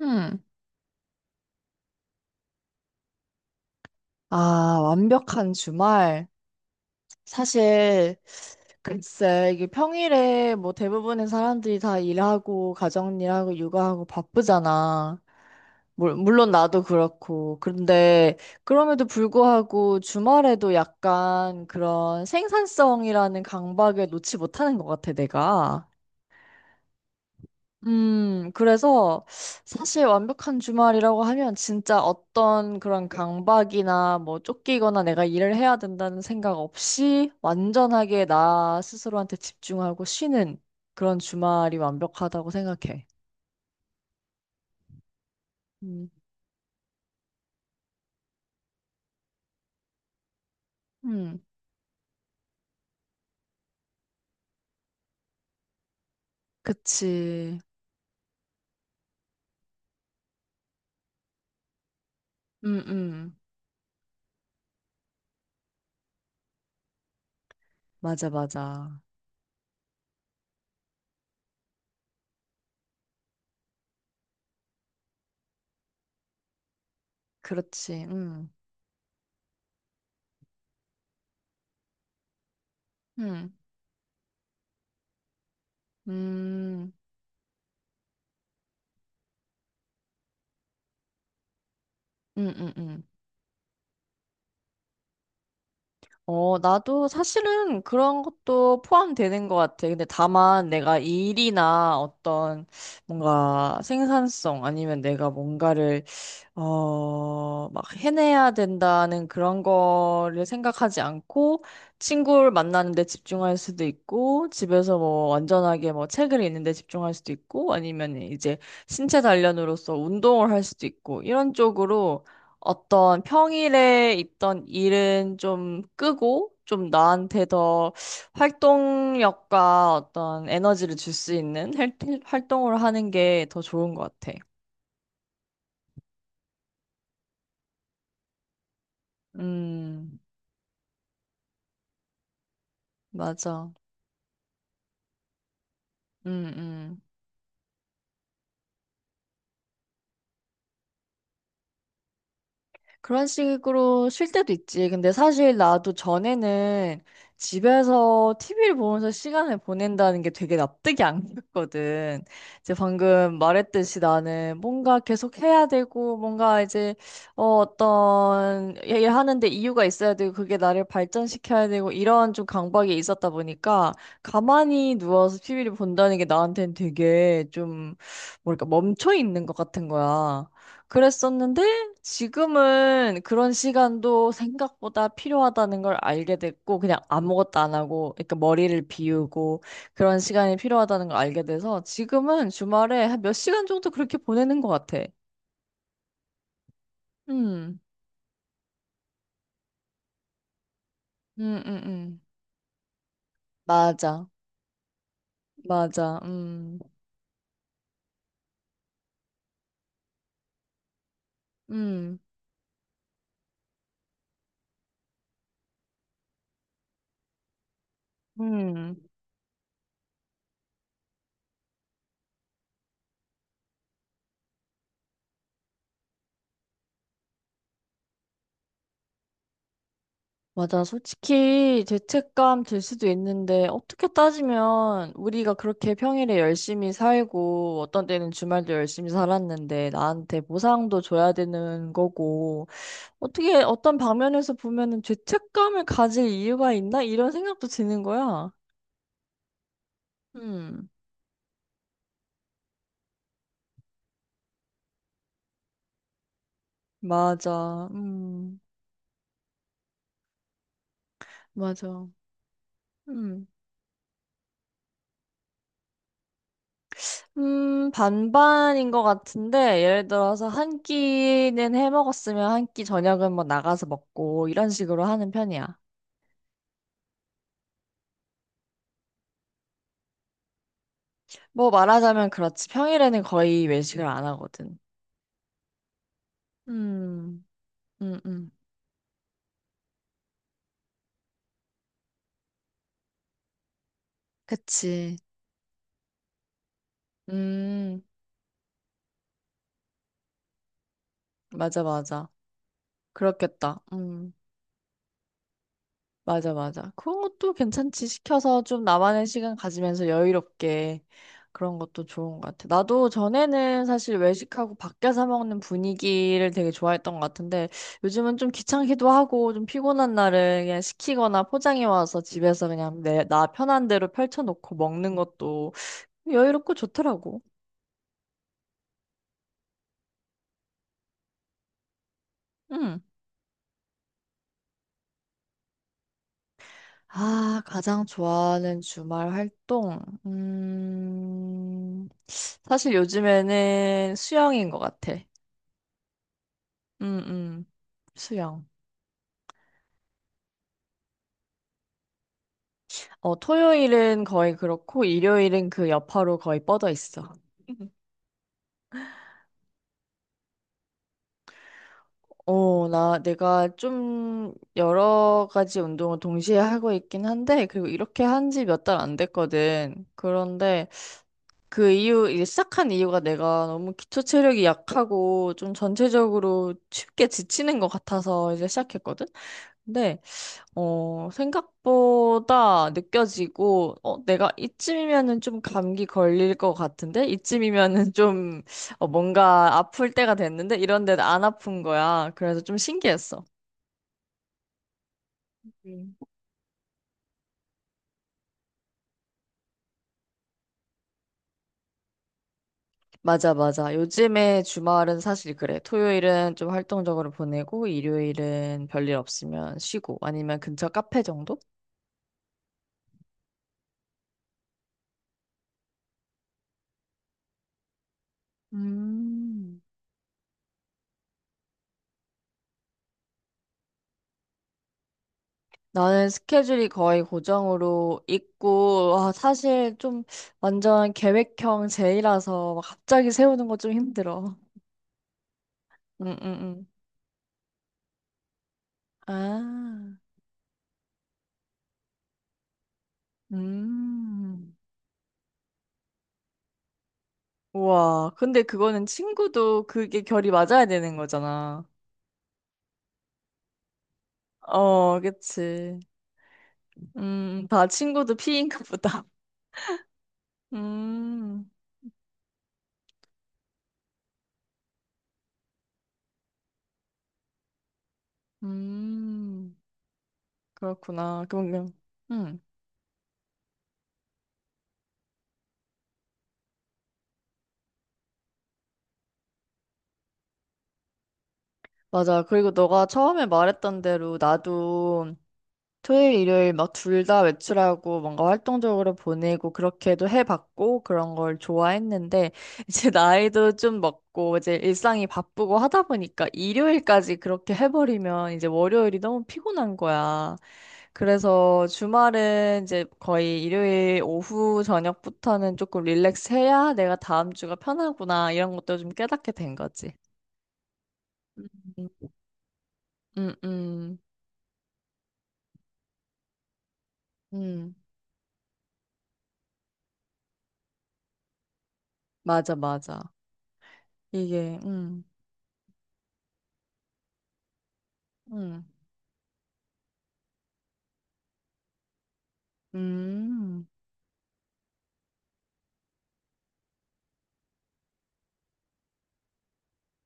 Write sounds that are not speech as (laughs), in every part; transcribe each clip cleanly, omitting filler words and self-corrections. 응, 아, 완벽한 주말. 사실, 글쎄, 이게 평일에 뭐 대부분의 사람들이 다 일하고, 가정일하고, 육아하고 바쁘잖아. 물론 나도 그렇고. 그런데, 그럼에도 불구하고 주말에도 약간 그런 생산성이라는 강박에 놓지 못하는 것 같아, 내가. 그래서 사실 완벽한 주말이라고 하면 진짜 어떤 그런 강박이나 뭐 쫓기거나 내가 일을 해야 된다는 생각 없이 완전하게 나 스스로한테 집중하고 쉬는 그런 주말이 완벽하다고 생각해. 음, 음, 그치. 음, 음, 맞아, 맞아. 그렇지. 음, 음, 음, 음, 음. 어, 나도 사실은 그런 것도 포함되는 것 같아. 근데 다만 내가 일이나 어떤 뭔가 생산성 아니면 내가 뭔가를 막 해내야 된다는 그런 거를 생각하지 않고 친구를 만나는데 집중할 수도 있고 집에서 뭐 완전하게 뭐 책을 읽는데 집중할 수도 있고 아니면 이제 신체 단련으로서 운동을 할 수도 있고 이런 쪽으로 어떤 평일에 있던 일은 좀 끄고 좀 나한테 더 활동력과 어떤 에너지를 줄 수 있는 활동을 하는 게 더 좋은 것 같아. 음, 맞아. 음, 음. 그런 식으로 쉴 때도 있지. 근데 사실 나도 전에는 집에서 TV를 보면서 시간을 보낸다는 게 되게 납득이 안 갔거든. 이제 방금 말했듯이 나는 뭔가 계속 해야 되고, 뭔가 이제, 어, 어떤, 얘기를 하는데 이유가 있어야 되고, 그게 나를 발전시켜야 되고, 이런 좀 강박이 있었다 보니까, 가만히 누워서 TV를 본다는 게 나한테는 되게 좀, 뭐랄까, 멈춰 있는 것 같은 거야. 그랬었는데, 지금은 그런 시간도 생각보다 필요하다는 걸 알게 됐고, 그냥 아무것도 안 하고, 그러니까 머리를 비우고, 그런 시간이 필요하다는 걸 알게 돼서, 지금은 주말에 한 몇 시간 정도 그렇게 보내는 것 같아. 음, 음, 음, 음. 맞아, 맞아, 음, 음. 맞아. 솔직히 죄책감 들 수도 있는데, 어떻게 따지면 우리가 그렇게 평일에 열심히 살고, 어떤 때는 주말도 열심히 살았는데, 나한테 보상도 줘야 되는 거고, 어떻게 어떤 방면에서 보면은 죄책감을 가질 이유가 있나? 이런 생각도 드는 거야. 음, 맞아. 맞아. 음. 반반인 것 같은데, 예를 들어서 한 끼는 해 먹었으면 한 끼 저녁은 뭐 나가서 먹고, 이런 식으로 하는 편이야. 뭐 말하자면 그렇지. 평일에는 거의 외식을 안 하거든. 음, 음, 음. 그치. 음, 맞아, 맞아. 그렇겠다. 음. 맞아, 맞아. 그런 것도 괜찮지. 시켜서 좀 나만의 시간 가지면서 여유롭게 그런 것도 좋은 것 같아. 나도 전에는 사실 외식하고 밖에서 먹는 분위기를 되게 좋아했던 것 같은데 요즘은 좀 귀찮기도 하고 좀 피곤한 날은 그냥 시키거나 포장해 와서 집에서 그냥 내, 나 편한 대로 펼쳐놓고 먹는 것도 여유롭고 좋더라고. 응. 아, 가장 좋아하는 주말 활동. 사실 요즘에는 수영인 것 같아. 음, 음. 수영. 어, 토요일은 거의 그렇고, 일요일은 그 여파로 거의 뻗어 있어. 어, 나, 내가 좀 여러 가지 운동을 동시에 하고 있긴 한데, 그리고 이렇게 한 지 몇 달 안 됐거든. 그런데 그 이유, 이제 시작한 이유가 내가 너무 기초 체력이 약하고, 좀 전체적으로 쉽게 지치는 것 같아서 이제 시작했거든? 근데 어, 생각보다 느껴지고, 어, 내가 이쯤이면은 좀 감기 걸릴 것 같은데? 이쯤이면은 (laughs) 좀, 어, 뭔가 아플 때가 됐는데? 이런데 안 아픈 거야. 그래서 좀 신기했어. 음. 맞아, 맞아. 요즘에 주말은 사실 그래. 토요일은 좀 활동적으로 보내고, 일요일은 별일 없으면 쉬고, 아니면 근처 카페 정도? 음. 나는 스케줄이 거의 고정으로 있고, 아, 사실 좀 완전 계획형 제이라서 막 갑자기 세우는 거 좀 힘들어. 응, 응, 응. 아, 음. 우와. 근데 그거는 친구도 그게 결이 맞아야 되는 거잖아. 어, 그치. 다 친구도 피인가 보다. (laughs) 음, 음, 그렇구나. 그러면, 음. 맞아. 그리고 너가 처음에 말했던 대로 나도 토요일, 일요일 막 둘 다 외출하고 뭔가 활동적으로 보내고 그렇게도 해봤고 그런 걸 좋아했는데 이제 (laughs) 나이도 좀 먹고 이제 일상이 바쁘고 하다 보니까 일요일까지 그렇게 해버리면 이제 월요일이 너무 피곤한 거야. 그래서 주말은 이제 거의 일요일 오후 저녁부터는 조금 릴렉스 해야 내가 다음 주가 편하구나 이런 것도 좀 깨닫게 된 거지. 음, 음, 음, 음. 맞아, 맞아. 이게, 음. 음,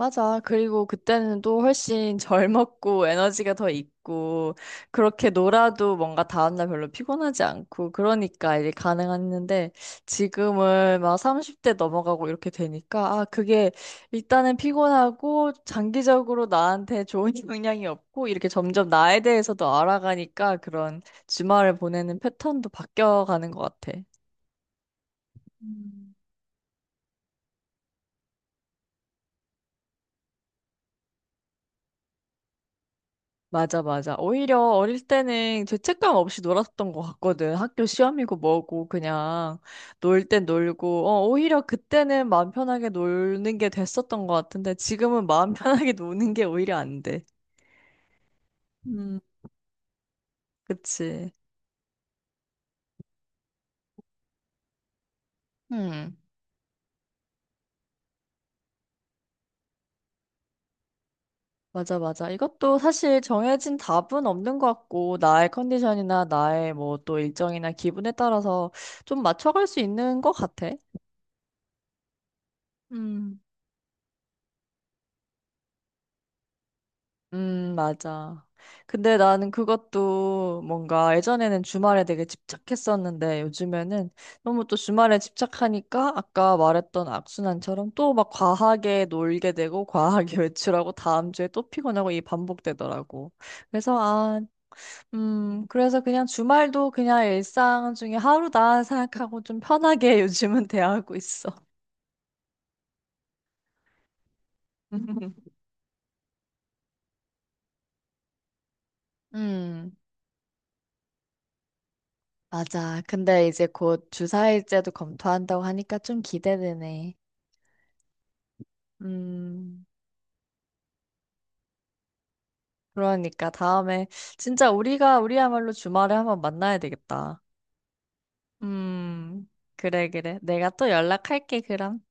맞아. 그리고 그때는 또 훨씬 (laughs) 젊었고 에너지가 더 있고 그렇게 놀아도 뭔가 다음날 별로 피곤하지 않고 그러니까 이게 가능했는데 지금은 막 30대 넘어가고 이렇게 되니까 아, 그게 일단은 피곤하고 장기적으로 나한테 좋은 (laughs) 영향이 없고 이렇게 점점 나에 대해서도 알아가니까 그런 주말을 보내는 패턴도 바뀌어가는 것 같아. 음. 맞아, 맞아. 오히려 어릴 때는 죄책감 없이 놀았던 것 같거든. 학교 시험이고 뭐고 그냥 놀 땐 놀고. 어, 오히려 그때는 마음 편하게 노는 게 됐었던 것 같은데 지금은 마음 (laughs) 편하게 노는 게 오히려 안 돼. 음, 그치? 음, 맞아, 맞아. 이것도 사실 정해진 답은 없는 것 같고, 나의 컨디션이나 나의 뭐 또 일정이나 기분에 따라서 좀 맞춰갈 수 있는 것 같아. 음. 맞아. 근데 나는 그것도 뭔가 예전에는 주말에 되게 집착했었는데 요즘에는 너무 또 주말에 집착하니까 아까 말했던 악순환처럼 또 막 과하게 놀게 되고 과하게 (laughs) 외출하고 다음 주에 또 피곤하고 이 반복되더라고. 그래서 아, 그래서 그냥 주말도 그냥 일상 중에 하루다 생각하고 좀 편하게 (laughs) 요즘은 대하고 있어. (laughs) 음. 맞아. 근데 이제 곧 주사일제도 검토한다고 하니까 좀 기대되네. 음, 그러니까 다음에 진짜 우리가 우리야말로 주말에 한번 만나야 되겠다. 음, 그래, 그래. 내가 또 연락할게, 그럼.